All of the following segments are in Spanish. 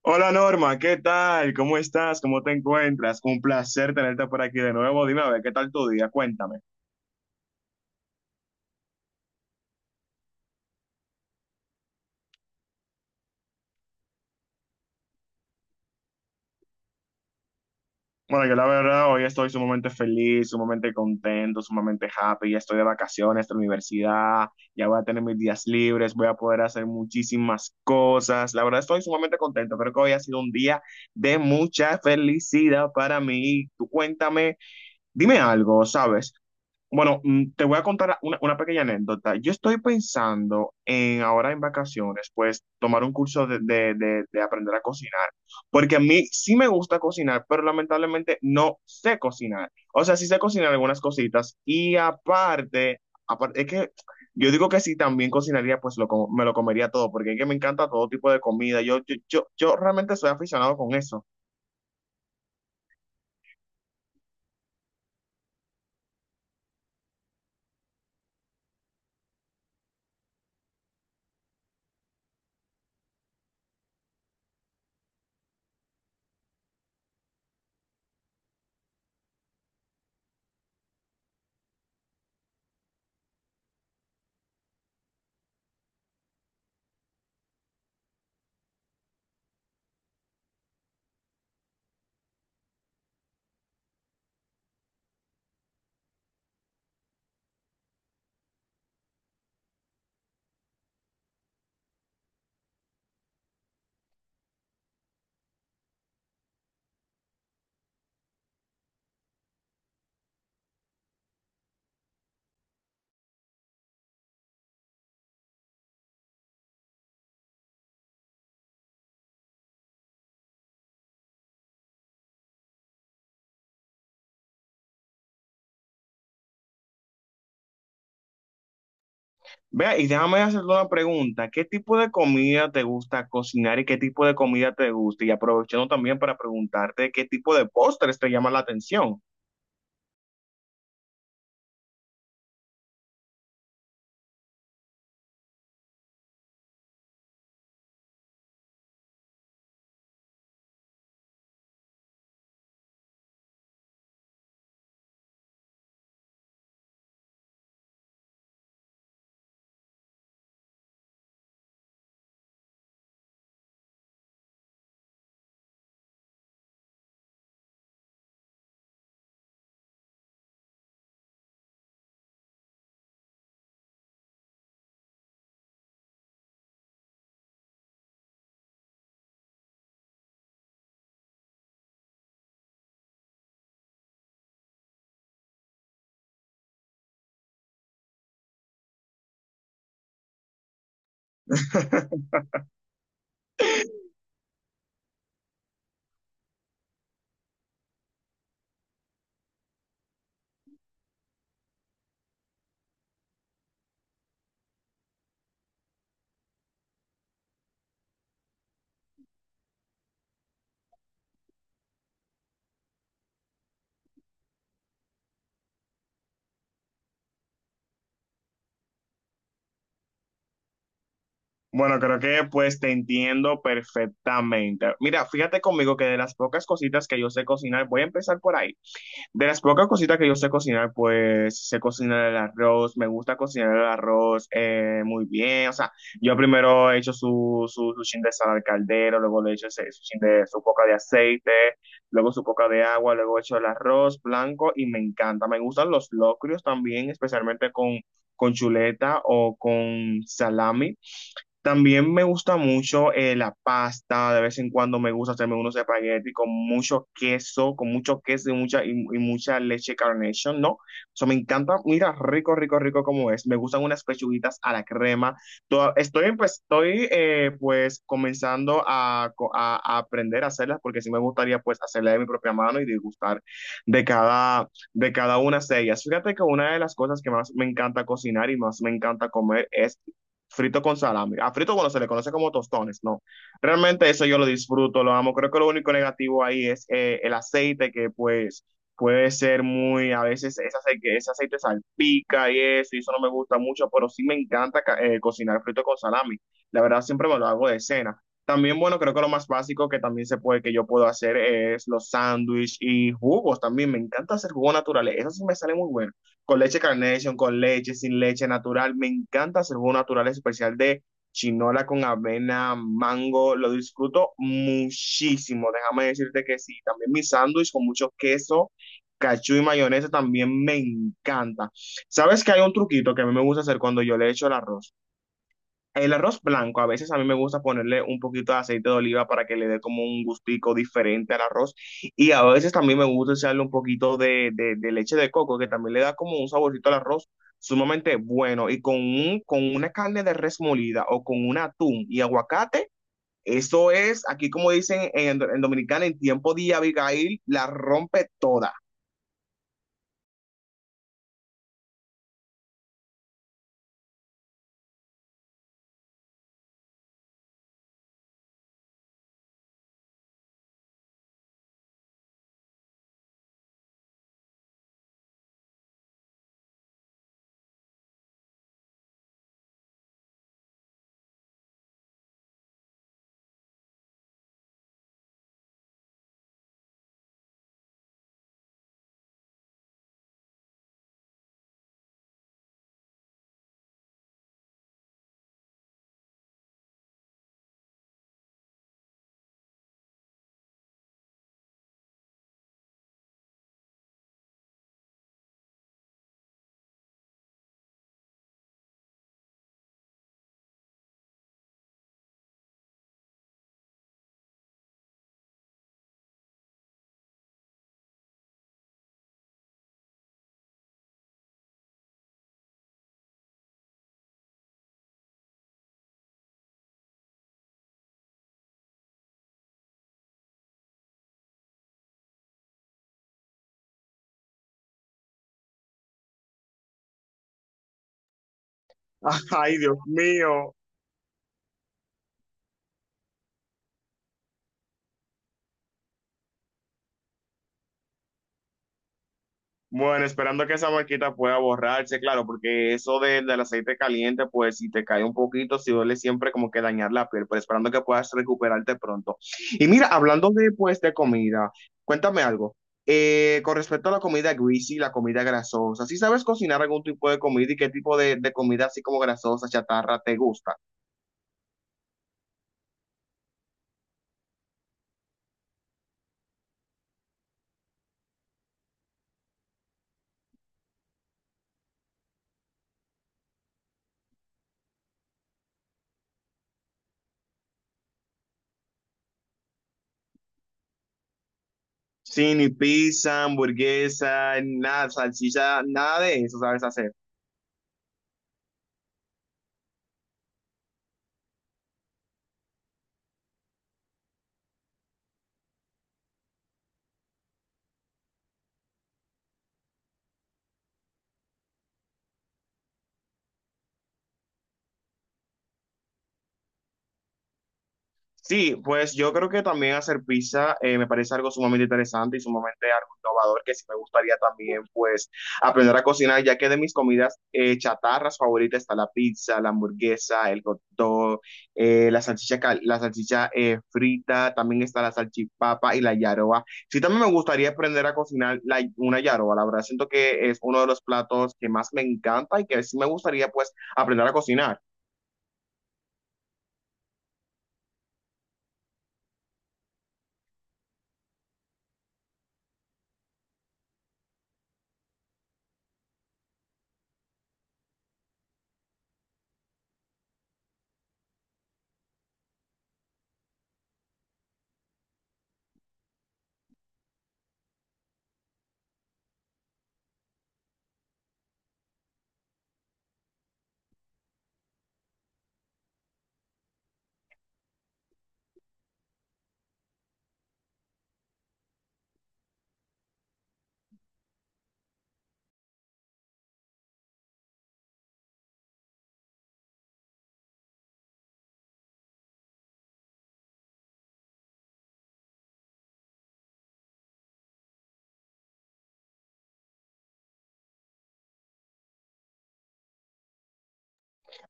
Hola Norma, ¿qué tal? ¿Cómo estás? ¿Cómo te encuentras? Un placer tenerte por aquí de nuevo. Dime a ver, ¿qué tal tu día? Cuéntame. Bueno, yo la verdad hoy estoy sumamente feliz, sumamente contento, sumamente happy. Ya estoy de vacaciones de la universidad, ya voy a tener mis días libres, voy a poder hacer muchísimas cosas. La verdad estoy sumamente contento. Creo que hoy ha sido un día de mucha felicidad para mí. Tú cuéntame, dime algo, ¿sabes? Bueno, te voy a contar una pequeña anécdota. Yo estoy pensando en ahora en vacaciones, pues tomar un curso de aprender a cocinar, porque a mí sí me gusta cocinar, pero lamentablemente no sé cocinar. O sea, sí sé cocinar algunas cositas y aparte, aparte es que yo digo que si también cocinaría, pues me lo comería todo, porque es que me encanta todo tipo de comida. Yo realmente soy aficionado con eso. Vea, y déjame hacerte una pregunta. ¿Qué tipo de comida te gusta cocinar y qué tipo de comida te gusta? Y aprovechando también para preguntarte qué tipo de postres te llama la atención. Bueno, creo que pues te entiendo perfectamente. Mira, fíjate conmigo que de las pocas cositas que yo sé cocinar, voy a empezar por ahí. De las pocas cositas que yo sé cocinar, pues sé cocinar el arroz, me gusta cocinar el arroz muy bien. O sea, yo primero he hecho su chin de sal al caldero, luego le he hecho su chin su poca de aceite, luego su poca de agua, luego he hecho el arroz blanco y me encanta. Me gustan los locrios también, especialmente con chuleta o con salami. También me gusta mucho la pasta, de vez en cuando me gusta hacerme unos espaguetis con mucho queso y y mucha leche Carnation, ¿no? O sea, me encanta, mira, rico, rico, rico como es. Me gustan unas pechuguitas a la crema. Comenzando a aprender a hacerlas porque sí me gustaría, pues, hacerlas de mi propia mano y disgustar de cada una de ellas. Fíjate que una de las cosas que más me encanta cocinar y más me encanta comer es frito con salami. A frito cuando se le conoce como tostones, no. Realmente eso yo lo disfruto, lo amo. Creo que lo único negativo ahí es el aceite que pues puede ser a veces ese aceite salpica y eso no me gusta mucho, pero sí me encanta cocinar frito con salami. La verdad siempre me lo hago de cena. También, bueno, creo que lo más básico que también se puede, que yo puedo hacer es los sándwiches y jugos también. Me encanta hacer jugo naturales. Eso sí me sale muy bueno con leche Carnation, con leche, sin leche natural. Me encanta hacer jugo natural especial de chinola con avena, mango. Lo disfruto muchísimo. Déjame decirte que sí. También mi sándwich con mucho queso, cachú y mayonesa también me encanta. ¿Sabes que hay un truquito que a mí me gusta hacer cuando yo le echo el arroz? El arroz blanco, a veces a mí me gusta ponerle un poquito de aceite de oliva para que le dé como un gustico diferente al arroz. Y a veces también me gusta echarle un poquito de leche de coco, que también le da como un saborcito al arroz sumamente bueno. Y con con una carne de res molida o con un atún y aguacate, eso es, aquí como dicen en Dominicana, en tiempo de Abigail, la rompe toda. Ay, Dios mío. Bueno, esperando que esa marquita pueda borrarse, claro, porque del aceite caliente, pues si te cae un poquito, si duele siempre como que dañar la piel, pero esperando que puedas recuperarte pronto. Y mira, hablando de, pues, de comida, cuéntame algo. Con respecto a la comida greasy, la comida grasosa, si sabes cocinar algún tipo de comida y qué tipo de comida así como grasosa, chatarra, ¿te gusta? Sí, ni pizza, hamburguesa, nada, salchicha, nada de eso sabes hacer. Sí, pues yo creo que también hacer pizza me parece algo sumamente interesante y sumamente algo innovador que sí me gustaría también pues aprender a cocinar, ya que de mis comidas chatarras favoritas está la pizza, la hamburguesa, el hot dog, la salchicha, la salchicha frita, también está la salchipapa y la yaroa. Sí, también me gustaría aprender a cocinar una yaroa, la verdad siento que es uno de los platos que más me encanta y que sí me gustaría pues aprender a cocinar.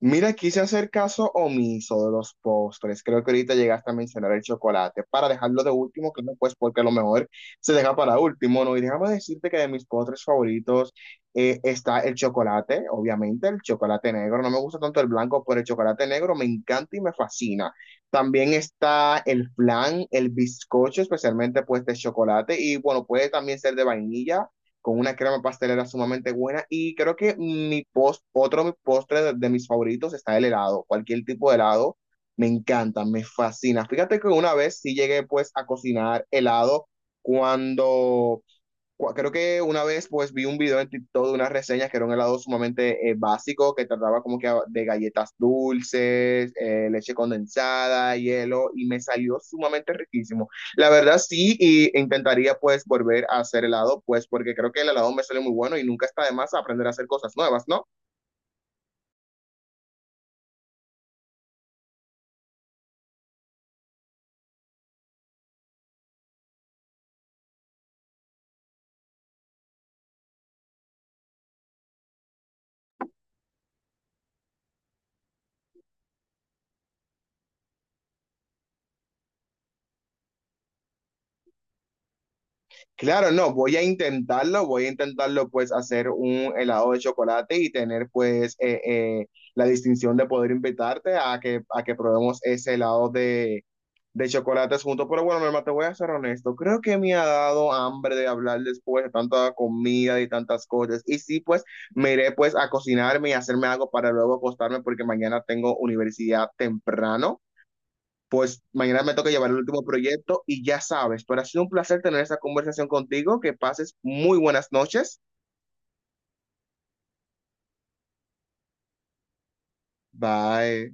Mira, quise hacer caso omiso de los postres. Creo que ahorita llegaste a mencionar el chocolate para dejarlo de último, claro, pues porque a lo mejor se deja para último, ¿no? Y déjame decirte que de mis postres favoritos está el chocolate, obviamente, el chocolate negro. No me gusta tanto el blanco, pero el chocolate negro me encanta y me fascina. También está el flan, el bizcocho, especialmente pues de chocolate. Y bueno, puede también ser de vainilla con una crema pastelera sumamente buena y creo que otro mi postre de mis favoritos está el helado, cualquier tipo de helado, me encanta, me fascina. Fíjate que una vez sí llegué pues a cocinar helado cuando creo que una vez pues vi un video en TikTok de unas reseñas que era un helado sumamente básico que trataba como que de galletas dulces, leche condensada, hielo y me salió sumamente riquísimo. La verdad sí y intentaría pues volver a hacer helado pues porque creo que el helado me sale muy bueno y nunca está de más aprender a hacer cosas nuevas, ¿no? Claro, no, voy a intentarlo pues hacer un helado de chocolate y tener pues la distinción de poder invitarte a a que probemos ese helado de chocolates juntos. Pero bueno, mi hermano, te voy a ser honesto, creo que me ha dado hambre de hablar después de tanta comida y tantas cosas. Y sí, pues me iré pues a cocinarme y hacerme algo para luego acostarme porque mañana tengo universidad temprano, pues mañana me toca llevar el último proyecto y ya sabes, pero ha sido un placer tener esta conversación contigo. Que pases muy buenas noches. Bye.